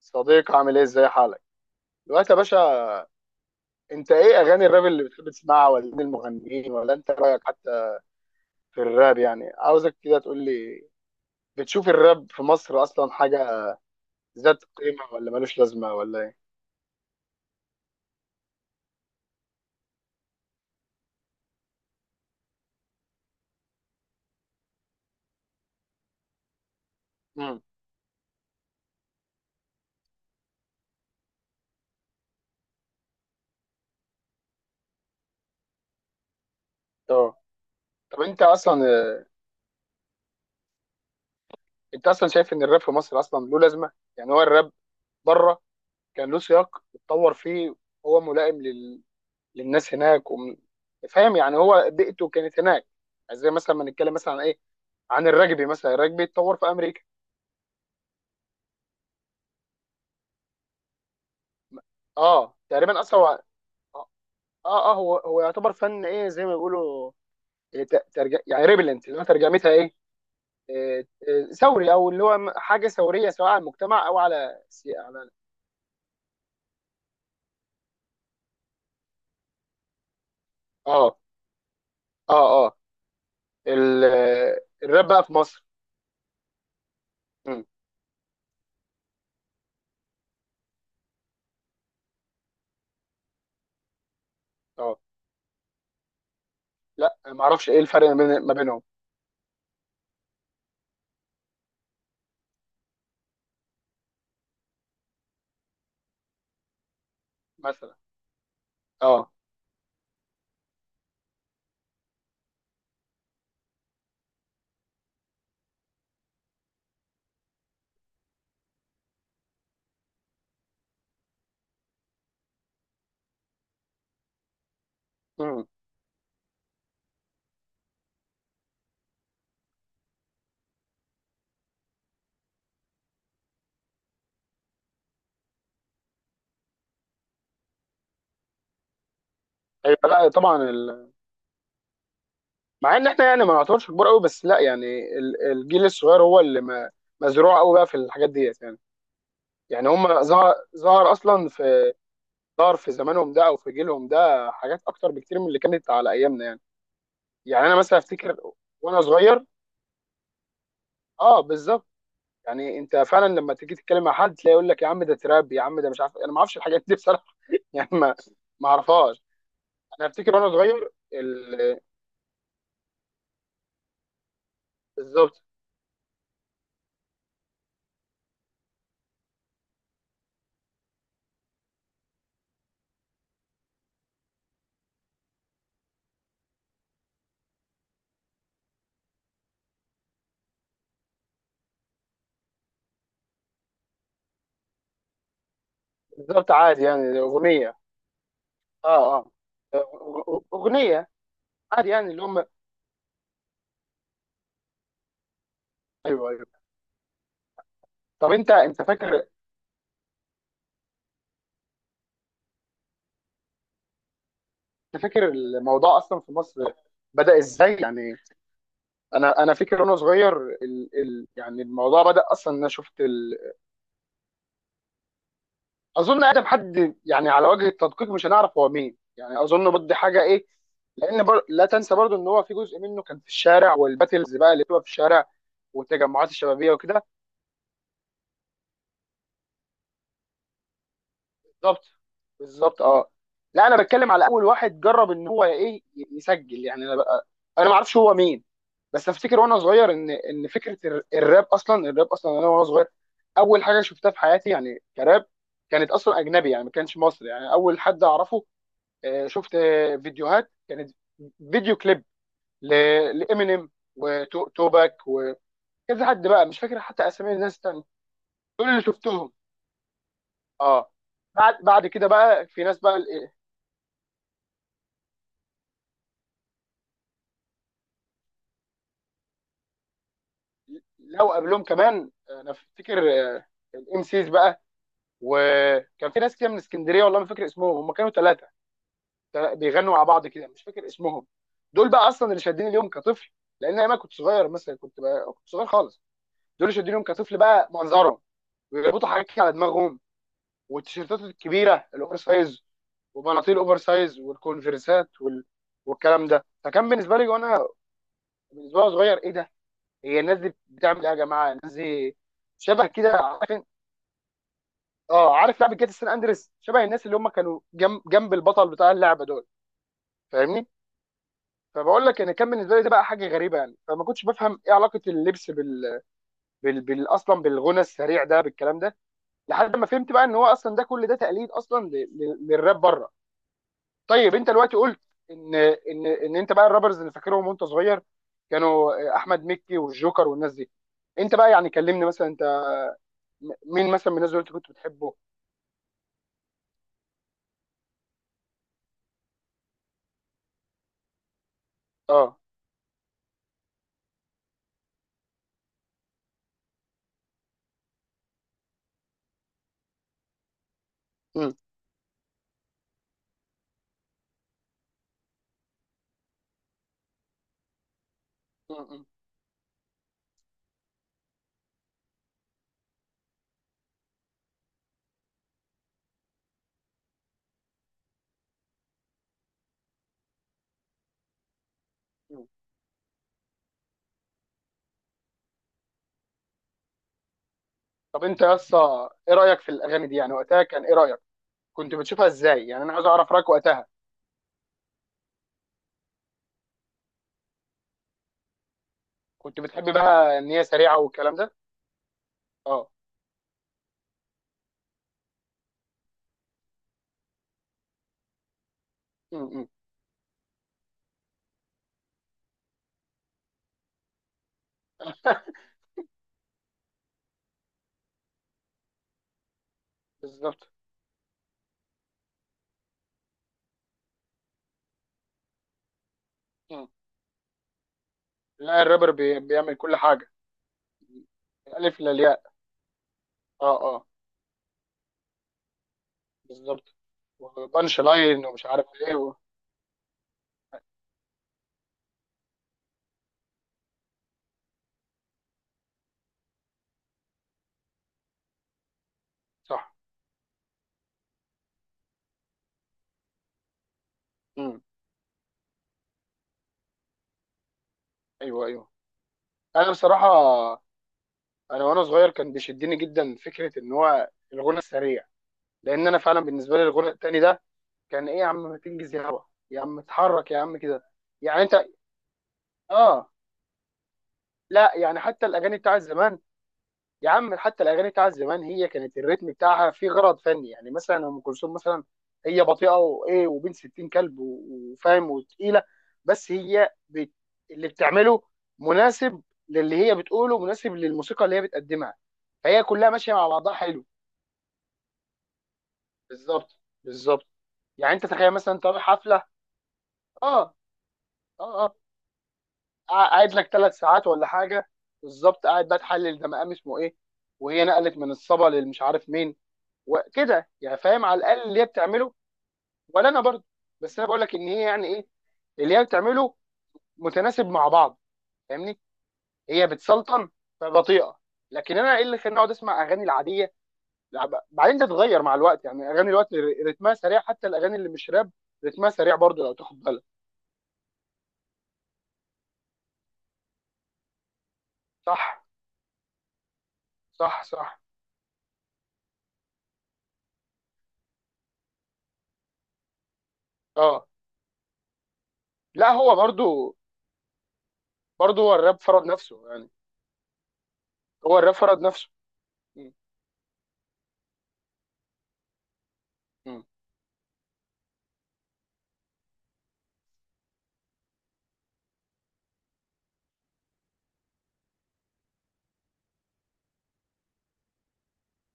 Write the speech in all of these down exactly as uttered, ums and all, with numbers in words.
صديق، عامل ايه؟ ازاي حالك دلوقتي يا باشا؟ انت ايه اغاني الراب اللي بتحب تسمعها؟ ولا مين المغنيين؟ ولا انت رايك حتى في الراب؟ يعني عاوزك كده تقول لي. بتشوف الراب في مصر اصلا حاجه ذات قيمه ولا ملوش لازمه ولا ايه؟ امم اه. طب انت اصلا انت اصلا شايف ان الراب في مصر اصلا له لازمه؟ يعني هو الراب بره كان له سياق اتطور فيه. هو ملائم لل... للناس هناك وم... فاهم؟ يعني هو بيئته كانت هناك. يعني زي مثلا ما نتكلم مثلا عن ايه، عن الرجبي، مثلا الرجبي اتطور في امريكا. اه، تقريبا اصلا هو. اه، اه، هو هو يعتبر فن، ايه زي ما بيقولوا. إيه، ت- ترج... يعني ريبلنت اللي هو ترجمتها ايه؟ إيه، إيه، ثوري، او اللي هو م- حاجه ثوريه سواء على المجتمع او على سي... على. اه، اه، اه. ال... الراب بقى في مصر. مم. اه. لا، ما اعرفش ايه الفرق ما بين- ما بينهم. مثلا. اه. امم. ايوه. لا طبعا، ال... مع ان احنا يعني ما نعتبرش كبار قوي، بس لا يعني ال... الجيل الصغير هو اللي ما... مزروع قوي بقى في الحاجات ديت يعني. يعني هم ظهر ظهر اصلا في، ظهر في زمانهم ده او في جيلهم ده حاجات اكتر بكتير من اللي كانت على ايامنا يعني. يعني انا مثلا افتكر وانا صغير. اه، بالظبط. يعني انت فعلا لما تيجي تتكلم مع حد تلاقي يقول لك: يا عم ده تراب، يا عم ده مش عارف إيه. انا ما اعرفش الحاجات دي بصراحه يعني ما ما اعرفهاش. انا افتكر وانا صغير ال- بالظبط. بالظبط، عادي يعني، اغنيه. اه، اه، اغنيه عادي يعني اللي هم. ايوه، ايوه. طب انت انت فاكر، انت فاكر الموضوع اصلا في مصر بدأ ازاي يعني؟ انا انا فاكر وانا صغير ال... ال... يعني الموضوع بدا اصلا ان انا شفت ال... اظن ادم حد، يعني على وجه التدقيق مش هنعرف هو مين، يعني اظن بدي حاجه ايه. لان بر... لا تنسى برضو ان هو في جزء منه كان في الشارع، والباتلز بقى اللي بتبقى في الشارع والتجمعات الشبابيه وكده. بالظبط. بالظبط، اه. لا، انا بتكلم على اول واحد جرب ان هو ايه ي- يسجل، يعني انا بقى... انا ما اعرفش هو مين. بس افتكر وانا صغير ان ان فكره الر- الراب اصلا، الراب اصلا انا وانا صغير، اول حاجه شفتها في حياتي يعني كراب، كانت اصلا اجنبي، يعني ما كانش مصري. يعني اول حد اعرفه، آه، شفت آه، فيديوهات كانت، فيديو كليب ل- لامينيم وتوباك وكذا، حد بقى مش فاكر حتى اسامي الناس التانية. دول اللي شفتهم. اه. بعد بعد كده بقى في ناس بقى ال- لو قبلهم كمان آه، انا افتكر الام سيز بقى، وكان في ناس كده من اسكندريه، والله ما فاكر اسمهم، هم كانوا ثلاثه بيغنوا مع بعض كده، مش فاكر اسمهم. دول بقى اصلا اللي شادين اليوم كطفل، لان انا كنت صغير، مثلا كنت بقى كنت صغير خالص، دول اللي شادين اليوم كطفل بقى منظرهم، ويربطوا حاجات كده على دماغهم، والتيشيرتات الكبيره الاوفر سايز، وبناطيل الاوفر سايز، والكونفرسات وال... والكلام ده. فكان بالنسبه لي وانا، بالنسبه لي صغير، ايه ده؟ هي الناس دي بتعمل ايه يا جماعه؟ الناس دي شبه كده، عارف؟ اه، عارف لعبه جاتا سان اندريس، شبه الناس اللي هم كانوا جنب جنب البطل بتاع اللعبه دول. فاهمني؟ فبقول لك يعني كان بالنسبه لي ده بقى حاجه غريبه، يعني فما كنتش بفهم ايه علاقه اللبس بال... بال... بال... اصلا بالغنى السريع ده بالكلام ده. لحد ما فهمت بقى ان هو اصلا ده كل ده تقليد اصلا ل... ل... للراب بره. طيب، انت دلوقتي قلت ان ان ان انت بقى الرابرز اللي فاكرهم وانت صغير كانوا احمد مكي والجوكر والناس دي. انت بقى يعني كلمني مثلا، انت م- مين مثلا من الناس دول انت كنت بتحبه؟ اه. م- م- م. طب انت يا اسطى، ايه رايك في الاغاني دي؟ يعني وقتها كان ايه رايك؟ كنت بتشوفها ازاي يعني؟ انا عايز اعرف رايك وقتها. كنت بتحب بقى ان هي سريعه والكلام ده؟ اه. م- م. بالظبط. م. لا، الرابر بي... بيعمل كل حاجه من الالف للياء. اه، اه، بالظبط. وبانش لاين ومش عارف ايه و... صح. م. ايوه، ايوه. انا بصراحه، انا وانا صغير كان بيشدني جدا فكره ان هو الغنى السريع، لان انا فعلا بالنسبه لي الغنى التاني ده كان ايه، يا عم ما تنجز يا هوا، يا عم اتحرك يا عم كده يعني. انت اه. لا يعني حتى الاغاني بتاعت زمان، يا عم حتى الاغاني بتاعت زمان هي كانت الريتم بتاعها فيه غرض فني، يعني مثلا ام كلثوم مثلا هي بطيئه وايه، وبين ستين كلب و- وفاهم، وتقيله، بس هي بت... اللي بتعمله مناسب للي هي بتقوله، مناسب للموسيقى اللي هي بتقدمها، فهي كلها ماشيه مع بعضها حلو. بالظبط. بالظبط. يعني انت تخيل مثلا انت رايح حفله، اه، اه، اه، قاع- قاعد لك ثلاث ساعات ولا حاجه، بالظبط، قاعد بقى تحلل ده مقام اسمه ايه، وهي نقلت من الصبا للمش عارف مين وكده، يعني فاهم على الاقل اللي هي بتعمله. ولا انا برضه. بس انا بقول لك ان هي يعني ايه اللي هي بتعمله متناسب مع بعض. فاهمني؟ هي بتسلطن، فبطيئه. لكن انا ايه اللي خلاني اقعد اسمع اغاني العاديه؟ لا، ب- بعدين تتغير مع الوقت، يعني اغاني الوقت ر- رتمها سريع، حتى الاغاني اللي مش راب رتمها سريع برضو لو تاخد بالك. صح، صح، صح. اه، لا هو برضو، برضو هو الراب فرض نفسه يعني، هو الراب فرض نفسه. م- م.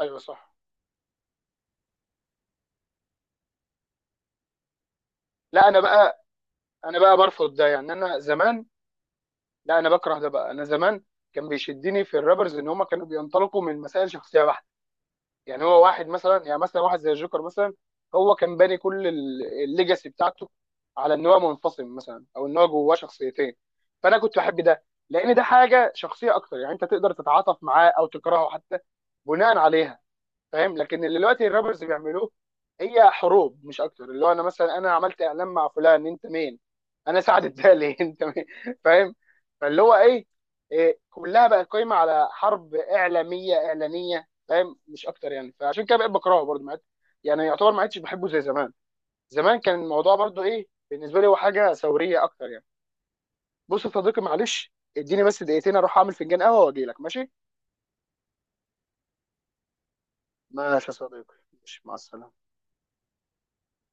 ايوه، صح. لا انا بقى، انا بقى برفض ده يعني. انا زمان، لا انا بكره ده بقى. انا زمان كان بيشدني في الرابرز ان هم كانوا بينطلقوا من مسائل شخصيه بحته. يعني هو واحد مثلا، يعني مثلا واحد زي الجوكر مثلا، هو كان باني كل ال- الليجاسي بتاعته على ان هو منفصل مثلا او ان هو جواه شخصيتين. فانا كنت بحب ده، لان ده حاجه شخصيه اكتر. يعني انت تقدر تتعاطف معاه او تكرهه حتى بناء عليها. فاهم؟ لكن اللي دلوقتي الرابرز بيعملوه هي حروب مش اكتر. اللي هو انا مثلا انا عملت اعلان مع فلان، انت مين؟ انا سعد الدالي انت مين؟ فاهم؟ فاللي هو ايه، إيه كلها بقت قايمه على حرب اعلاميه اعلانيه، فاهم؟ مش اكتر يعني. فعشان كده بقيت بكرهه برضه، ما عدت-، يعني يعتبر ما عدتش بحبه زي زمان. زمان كان الموضوع برضه ايه بالنسبه لي، هو حاجه ثوريه اكتر يعني. بص يا صديقي، معلش اديني بس دقيقتين اروح اعمل فنجان قهوه واجي لك، ماشي؟ ماشي يا صديقي. ماشي، مع السلامه.